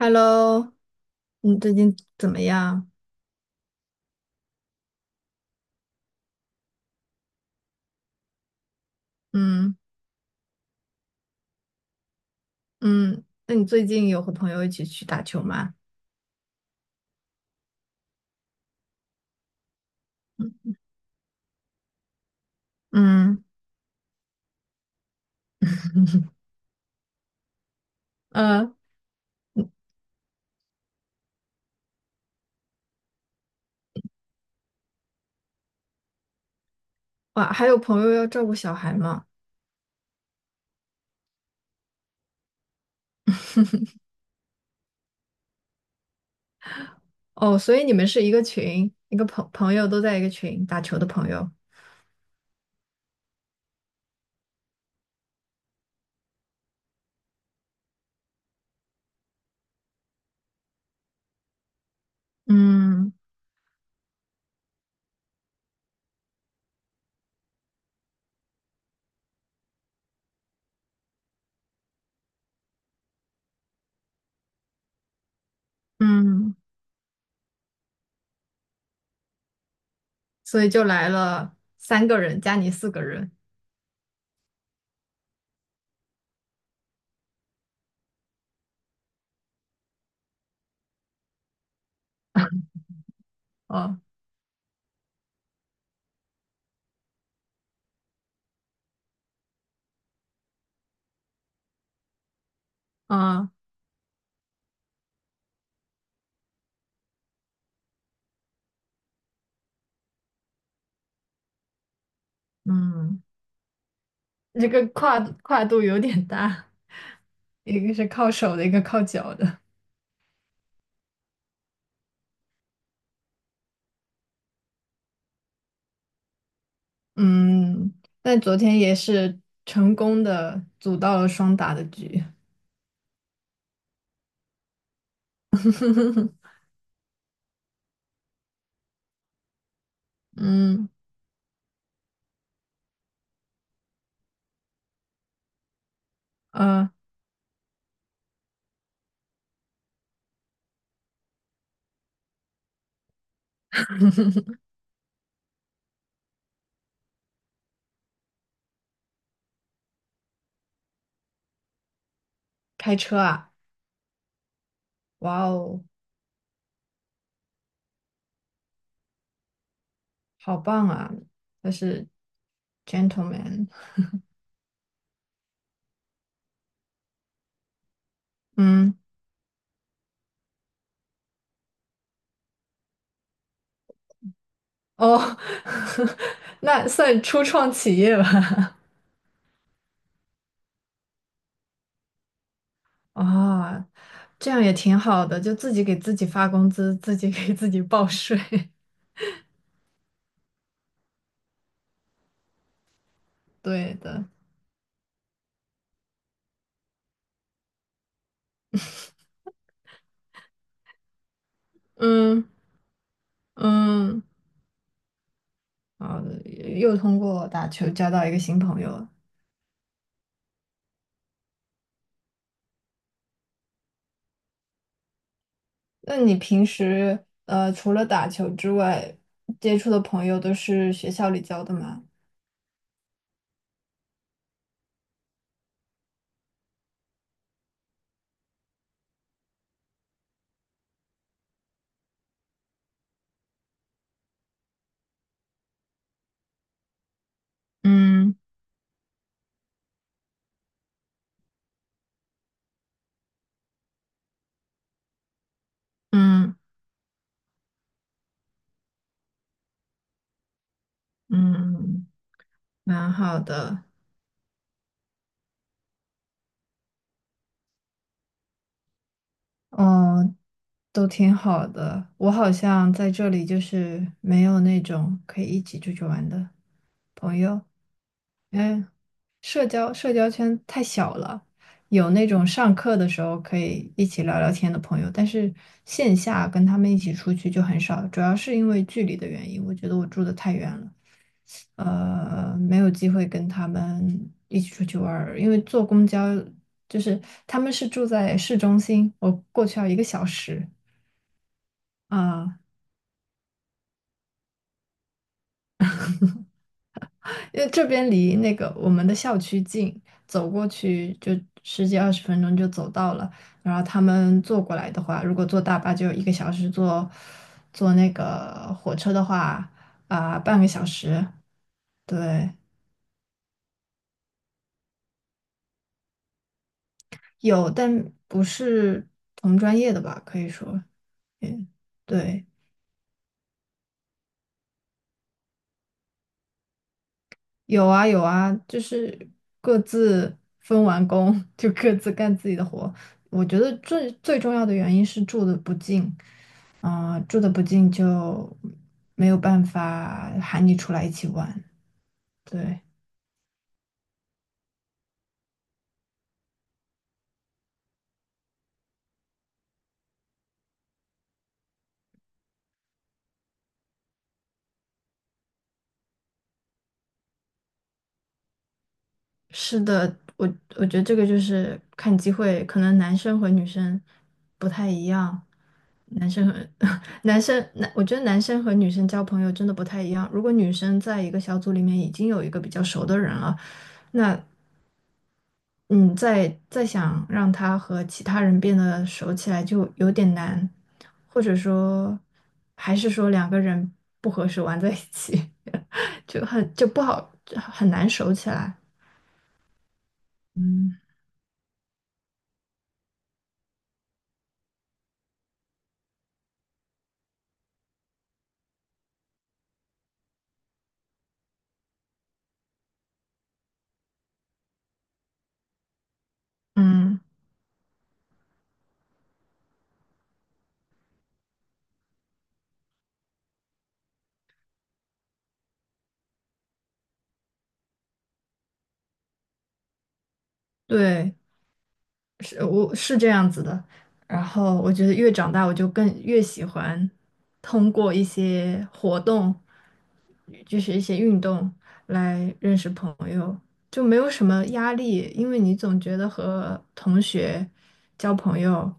Hello,你最近怎么样？嗯嗯，那你最近有和朋友一起去打球吗？嗯嗯呃，哇，还有朋友要照顾小孩吗？哦，所以你们是一个群，一个朋友都在一个群打球的朋友。嗯嗯，所以就来了三个人加你四个人。哦啊嗯，这个跨度有点大，一个是靠手的，一个靠脚的。嗯，但昨天也是成功的组到了双打的局。嗯，呃，开车啊，哇哦，好棒啊，他是 gentleman。嗯，哦，那算初创企业吧。啊，这样也挺好的，就自己给自己发工资，自己给自己报税。对的，嗯嗯，好的，又通过打球交到一个新朋友了。那你平时除了打球之外，接触的朋友都是学校里交的吗？嗯嗯嗯，蛮好的，哦，都挺好的。我好像在这里就是没有那种可以一起出去玩的朋友，因为社交圈太小了，有那种上课的时候可以一起聊聊天的朋友，但是线下跟他们一起出去就很少，主要是因为距离的原因，我觉得我住的太远了，没有机会跟他们一起出去玩儿，因为坐公交就是他们是住在市中心，我过去要一个小时啊，因为这边离那个我们的校区近，走过去就十几二十分钟就走到了。然后他们坐过来的话，如果坐大巴就一个小时坐，坐那个火车的话啊、半个小时。对，有，但不是同专业的吧？可以说，嗯，对。有啊有啊，就是各自分完工 就各自干自己的活。我觉得最最重要的原因是住的不近，啊、住的不近就没有办法喊你出来一起玩。对，是的，我觉得这个就是看机会，可能男生和女生不太一样。男生和 男生，男，我觉得男生和女生交朋友真的不太一样。如果女生在一个小组里面已经有一个比较熟的人了，那嗯，再想让他和其他人变得熟起来就有点难，或者说，还是说两个人不合适玩在一起，就很就不好，很难熟起来。嗯，嗯，对，是我是这样子的。然后我觉得越长大，我就更越喜欢通过一些活动，就是一些运动来认识朋友，就没有什么压力，因为你总觉得和同学交朋友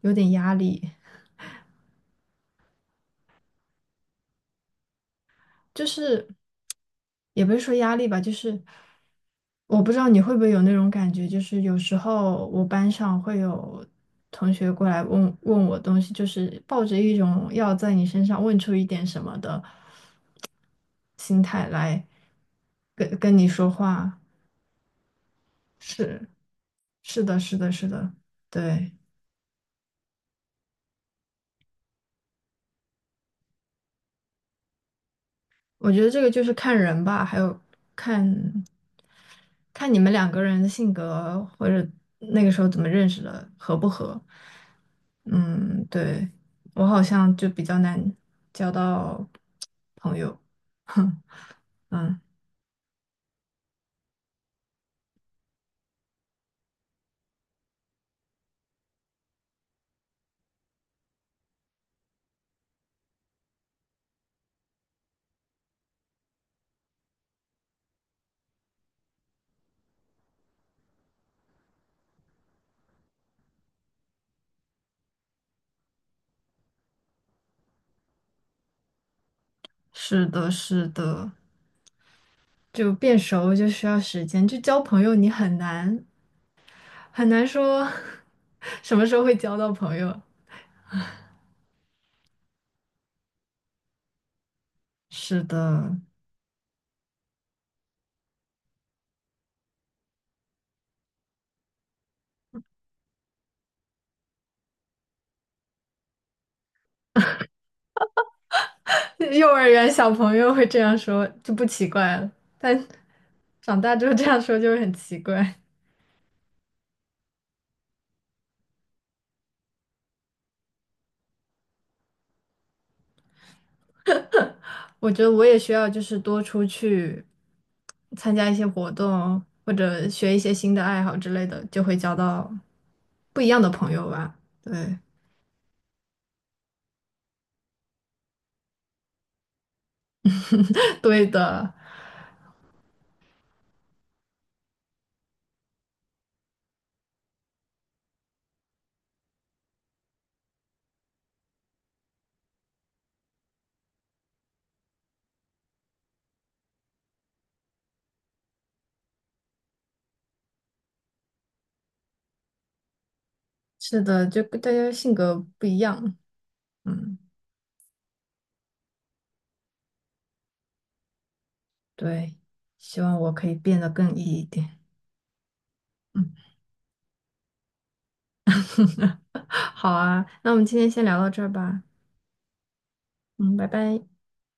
有点压力。就是也不是说压力吧，就是我不知道你会不会有那种感觉，就是有时候我班上会有同学过来问问我东西，就是抱着一种要在你身上问出一点什么的心态来跟你说话。是是的，是的，是的，对。我觉得这个就是看人吧，还有看看你们两个人的性格或者那个时候怎么认识的，合不合。嗯，对，我好像就比较难交到朋友。嗯，是的，是的，就变熟就需要时间，就交朋友你很难很难说 什么时候会交到朋友。是的，幼儿园小朋友会这样说就不奇怪了，但长大之后这样说就会很奇怪。我觉得我也需要就是多出去参加一些活动，或者学一些新的爱好之类的，就会交到不一样的朋友吧。对，对的，是的，就跟大家性格不一样。嗯，对，希望我可以变得更 E 一点。嗯，好啊，那我们今天先聊到这儿吧。嗯，拜拜。